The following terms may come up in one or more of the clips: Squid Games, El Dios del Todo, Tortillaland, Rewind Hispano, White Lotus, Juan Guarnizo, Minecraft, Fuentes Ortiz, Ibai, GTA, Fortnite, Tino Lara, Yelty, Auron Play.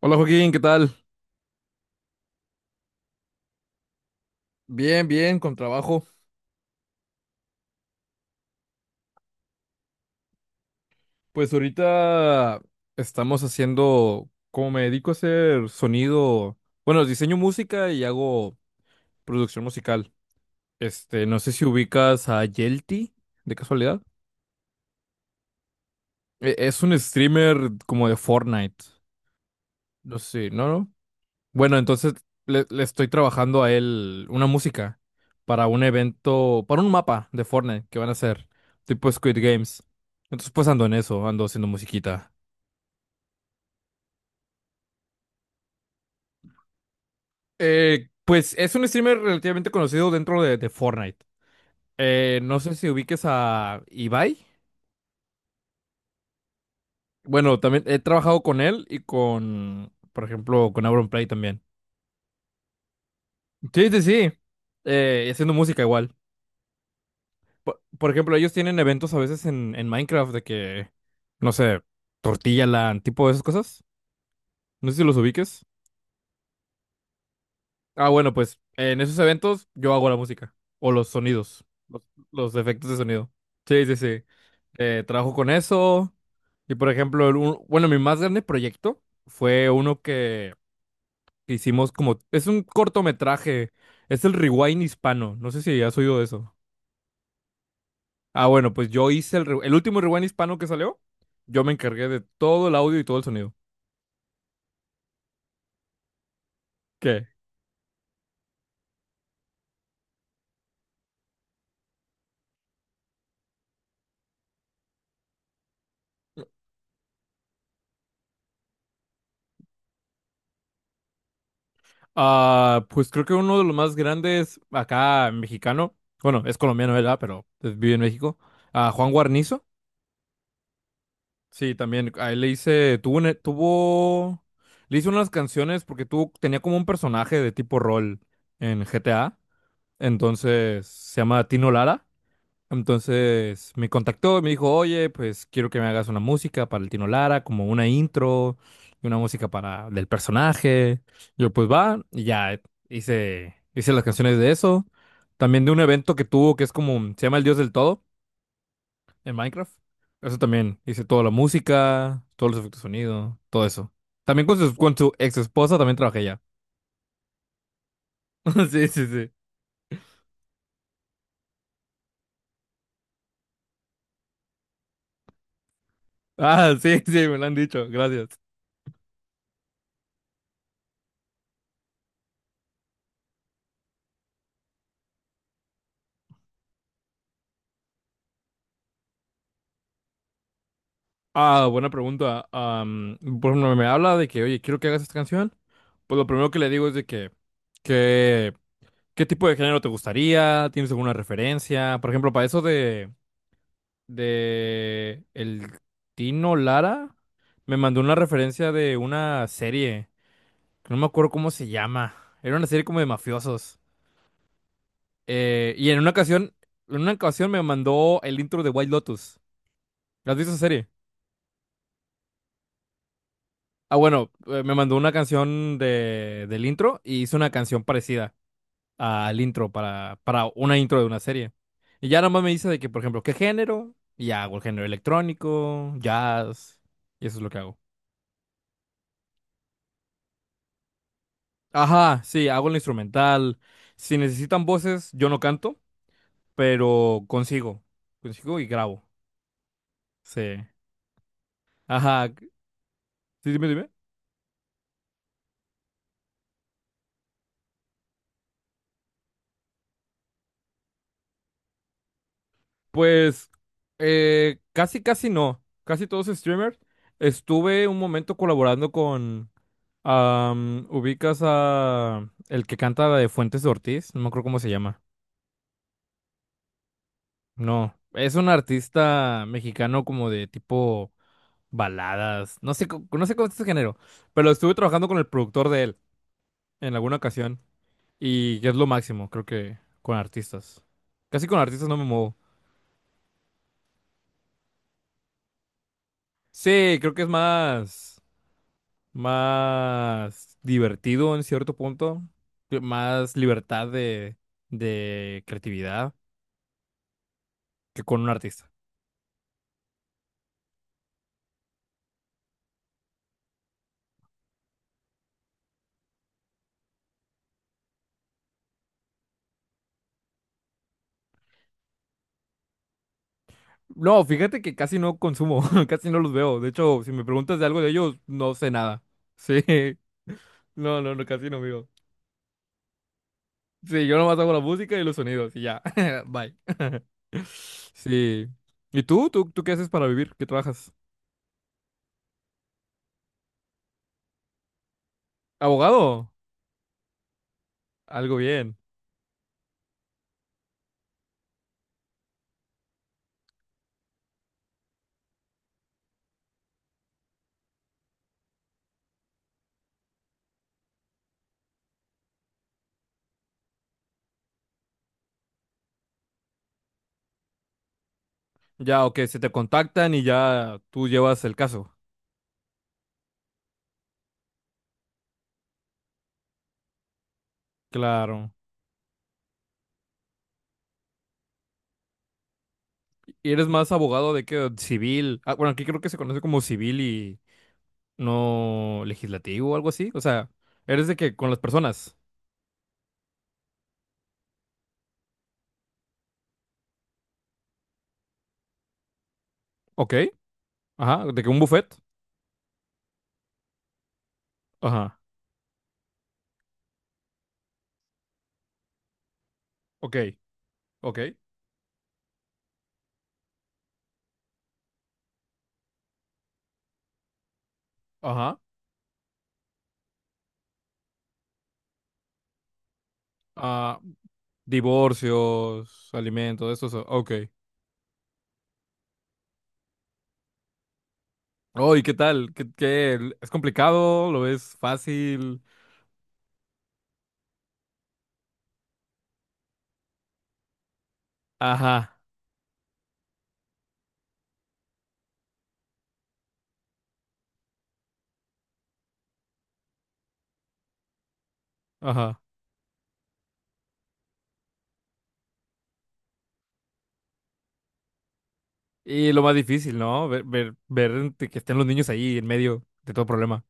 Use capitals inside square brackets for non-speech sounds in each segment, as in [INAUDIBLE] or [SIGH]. Hola Joaquín, ¿qué tal? Bien, bien, con trabajo. Pues ahorita estamos haciendo, como me dedico a hacer sonido, bueno, diseño música y hago producción musical. Este, no sé si ubicas a Yelty, de casualidad. Es un streamer como de Fortnite. No sé, ¿no? ¿no? Bueno, entonces le estoy trabajando a él una música para un evento, para un mapa de Fortnite que van a hacer, tipo Squid Games. Entonces pues ando en eso, ando haciendo musiquita. Pues es un streamer relativamente conocido dentro de Fortnite. No sé si ubiques a Ibai. Bueno, también he trabajado con él y con, por ejemplo, con Auron Play también. Sí, sí, sí. Y haciendo música igual. Por ejemplo, ellos tienen eventos a veces en Minecraft de que, no sé, Tortillaland, tipo de esas cosas. No sé si los ubiques. Ah, bueno, pues en esos eventos yo hago la música o los sonidos, los efectos de sonido. Sí, sí, sí. Trabajo con eso. Y por ejemplo, bueno, mi más grande proyecto fue uno que hicimos como... Es un cortometraje. Es el Rewind Hispano. No sé si has oído de eso. Ah, bueno, pues yo hice el último Rewind Hispano que salió. Yo me encargué de todo el audio y todo el sonido. ¿Qué? Ah, pues creo que uno de los más grandes acá mexicano, bueno, es colombiano, ¿verdad? Pero vive en México. Ah, Juan Guarnizo. Sí, también. A él le hice, le hice unas canciones porque tenía como un personaje de tipo rol en GTA. Entonces se llama Tino Lara. Entonces me contactó y me dijo, oye, pues quiero que me hagas una música para el Tino Lara, como una intro y una música para del personaje. Yo, pues va, y ya hice las canciones de eso. También de un evento que tuvo que es como, se llama El Dios del Todo en Minecraft. Eso también, hice toda la música, todos los efectos de sonido, todo eso. También con con su ex esposa también trabajé ya. [LAUGHS] Sí, sí, sí. Ah, sí, sí, me lo han dicho, gracias. Ah, buena pregunta. Por ejemplo, me habla de que, oye, quiero que hagas esta canción. Pues lo primero que le digo es de que, ¿qué tipo de género te gustaría? ¿Tienes alguna referencia? Por ejemplo, para eso de el Tino Lara, me mandó una referencia de una serie, que no me acuerdo cómo se llama. Era una serie como de mafiosos. Eh, y en una ocasión, en una ocasión me mandó el intro de White Lotus. ¿Has visto esa serie? Ah, bueno, me mandó una canción de, del intro y hizo una canción parecida al intro para una intro de una serie. Y ya nada más me dice de que, por ejemplo, ¿qué género? Y ya hago el género electrónico, jazz, y eso es lo que hago. Ajá, sí, hago el instrumental. Si necesitan voces, yo no canto, pero consigo y grabo. Sí. Ajá, sí, dime, dime. Pues, casi, casi no. Casi todos streamers. Estuve un momento colaborando con ubicas a el que canta la de Fuentes Ortiz, no me acuerdo cómo se llama. No, es un artista mexicano como de tipo baladas, no sé, no sé cómo es ese género, pero estuve trabajando con el productor de él en alguna ocasión y es lo máximo, creo que con artistas. Casi con artistas no me muevo. Sí, creo que es más divertido en cierto punto, más libertad de creatividad que con un artista. No, fíjate que casi no consumo, [LAUGHS] casi no los veo. De hecho, si me preguntas de algo de ellos, no sé nada. [LAUGHS] Sí, no, no, no, casi no veo. Sí, yo nomás hago la música y los sonidos y ya. [LAUGHS] Bye. Sí. ¿Y tú? ¿Tú qué haces para vivir? ¿Qué trabajas? ¿Abogado? Algo bien. Ya, ok, se te contactan y ya tú llevas el caso. Claro. ¿Y eres más abogado de qué? ¿Civil? Ah, bueno, aquí creo que se conoce como civil y no legislativo o algo así. O sea, eres de que con las personas. Ok. Ajá, de que un buffet. Ajá, ok, ok, ajá. Ah, divorcios, alimentos, eso, ok. Oh, ¿y qué tal? ¿Qué, qué? ¿Es complicado? ¿Lo ves fácil? Ajá, ajá. Y lo más difícil, ¿no? Ver que estén los niños ahí en medio de todo problema.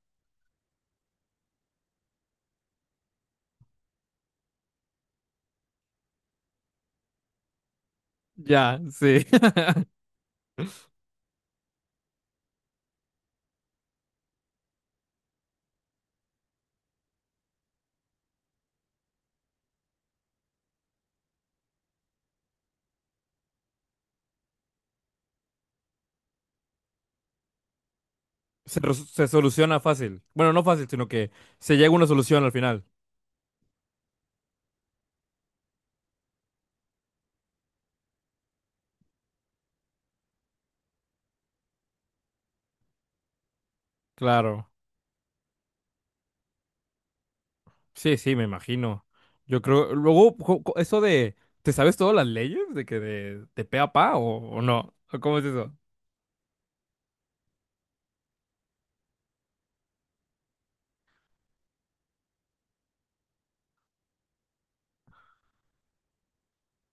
Ya, sí. [LAUGHS] Se soluciona fácil. Bueno, no fácil, sino que se llega a una solución al final. Claro. Sí, sí, me imagino. Yo creo, luego, eso de, ¿te sabes todas las leyes de que de pe a pa o no? ¿O ¿Cómo es eso?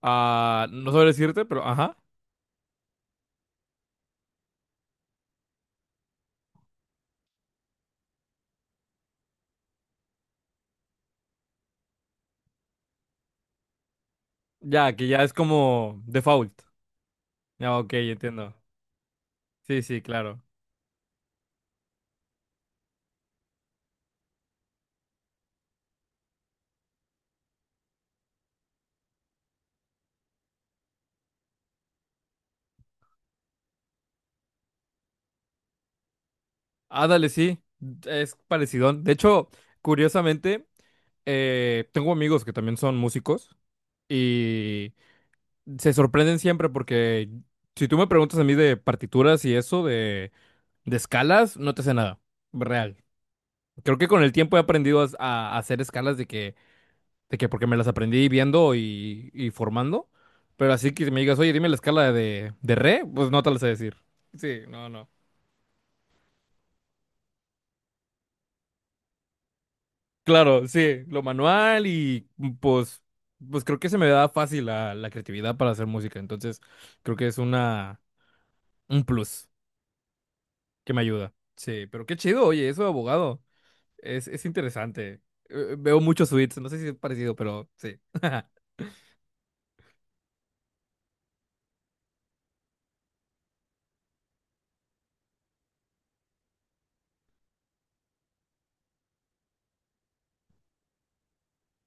Ah, no sabré decirte, pero ajá. Ya, que ya es como default. Ya, ok, entiendo. Sí, sí, claro. Ándale, sí, es parecido. De hecho, curiosamente, tengo amigos que también son músicos y se sorprenden siempre porque si tú me preguntas a mí de partituras y eso, de escalas, no te sé nada. Real. Creo que con el tiempo he aprendido a hacer escalas de que porque me las aprendí viendo y formando. Pero así que me digas, oye, dime la escala de re, pues no te la sé decir. Sí, no, no. Claro, sí, lo manual y mm, pues, pues creo que se me da fácil la, la creatividad para hacer música. Entonces, creo que es una, un plus que me ayuda. Sí, pero qué chido, oye, eso de abogado. Es interesante. Veo muchos suites, no sé si es parecido, pero sí. [LAUGHS]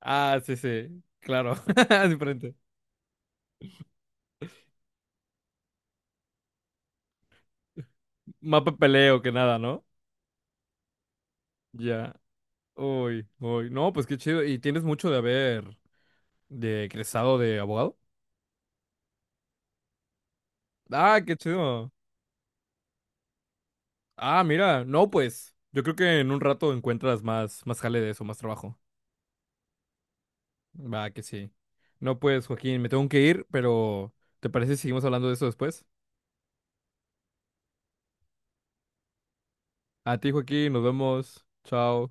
Ah, sí, sí, claro, [LAUGHS] diferente. Más papeleo que nada, ¿no? Ya. Uy, uy. No, pues qué chido. ¿Y tienes mucho de haber de egresado de abogado? Ah, qué chido. Ah, mira, no, pues yo creo que en un rato encuentras más, más jale de eso, más trabajo. Va, que sí. No, pues, Joaquín, me tengo que ir, pero ¿te parece si seguimos hablando de eso después? A ti, Joaquín, nos vemos. Chao.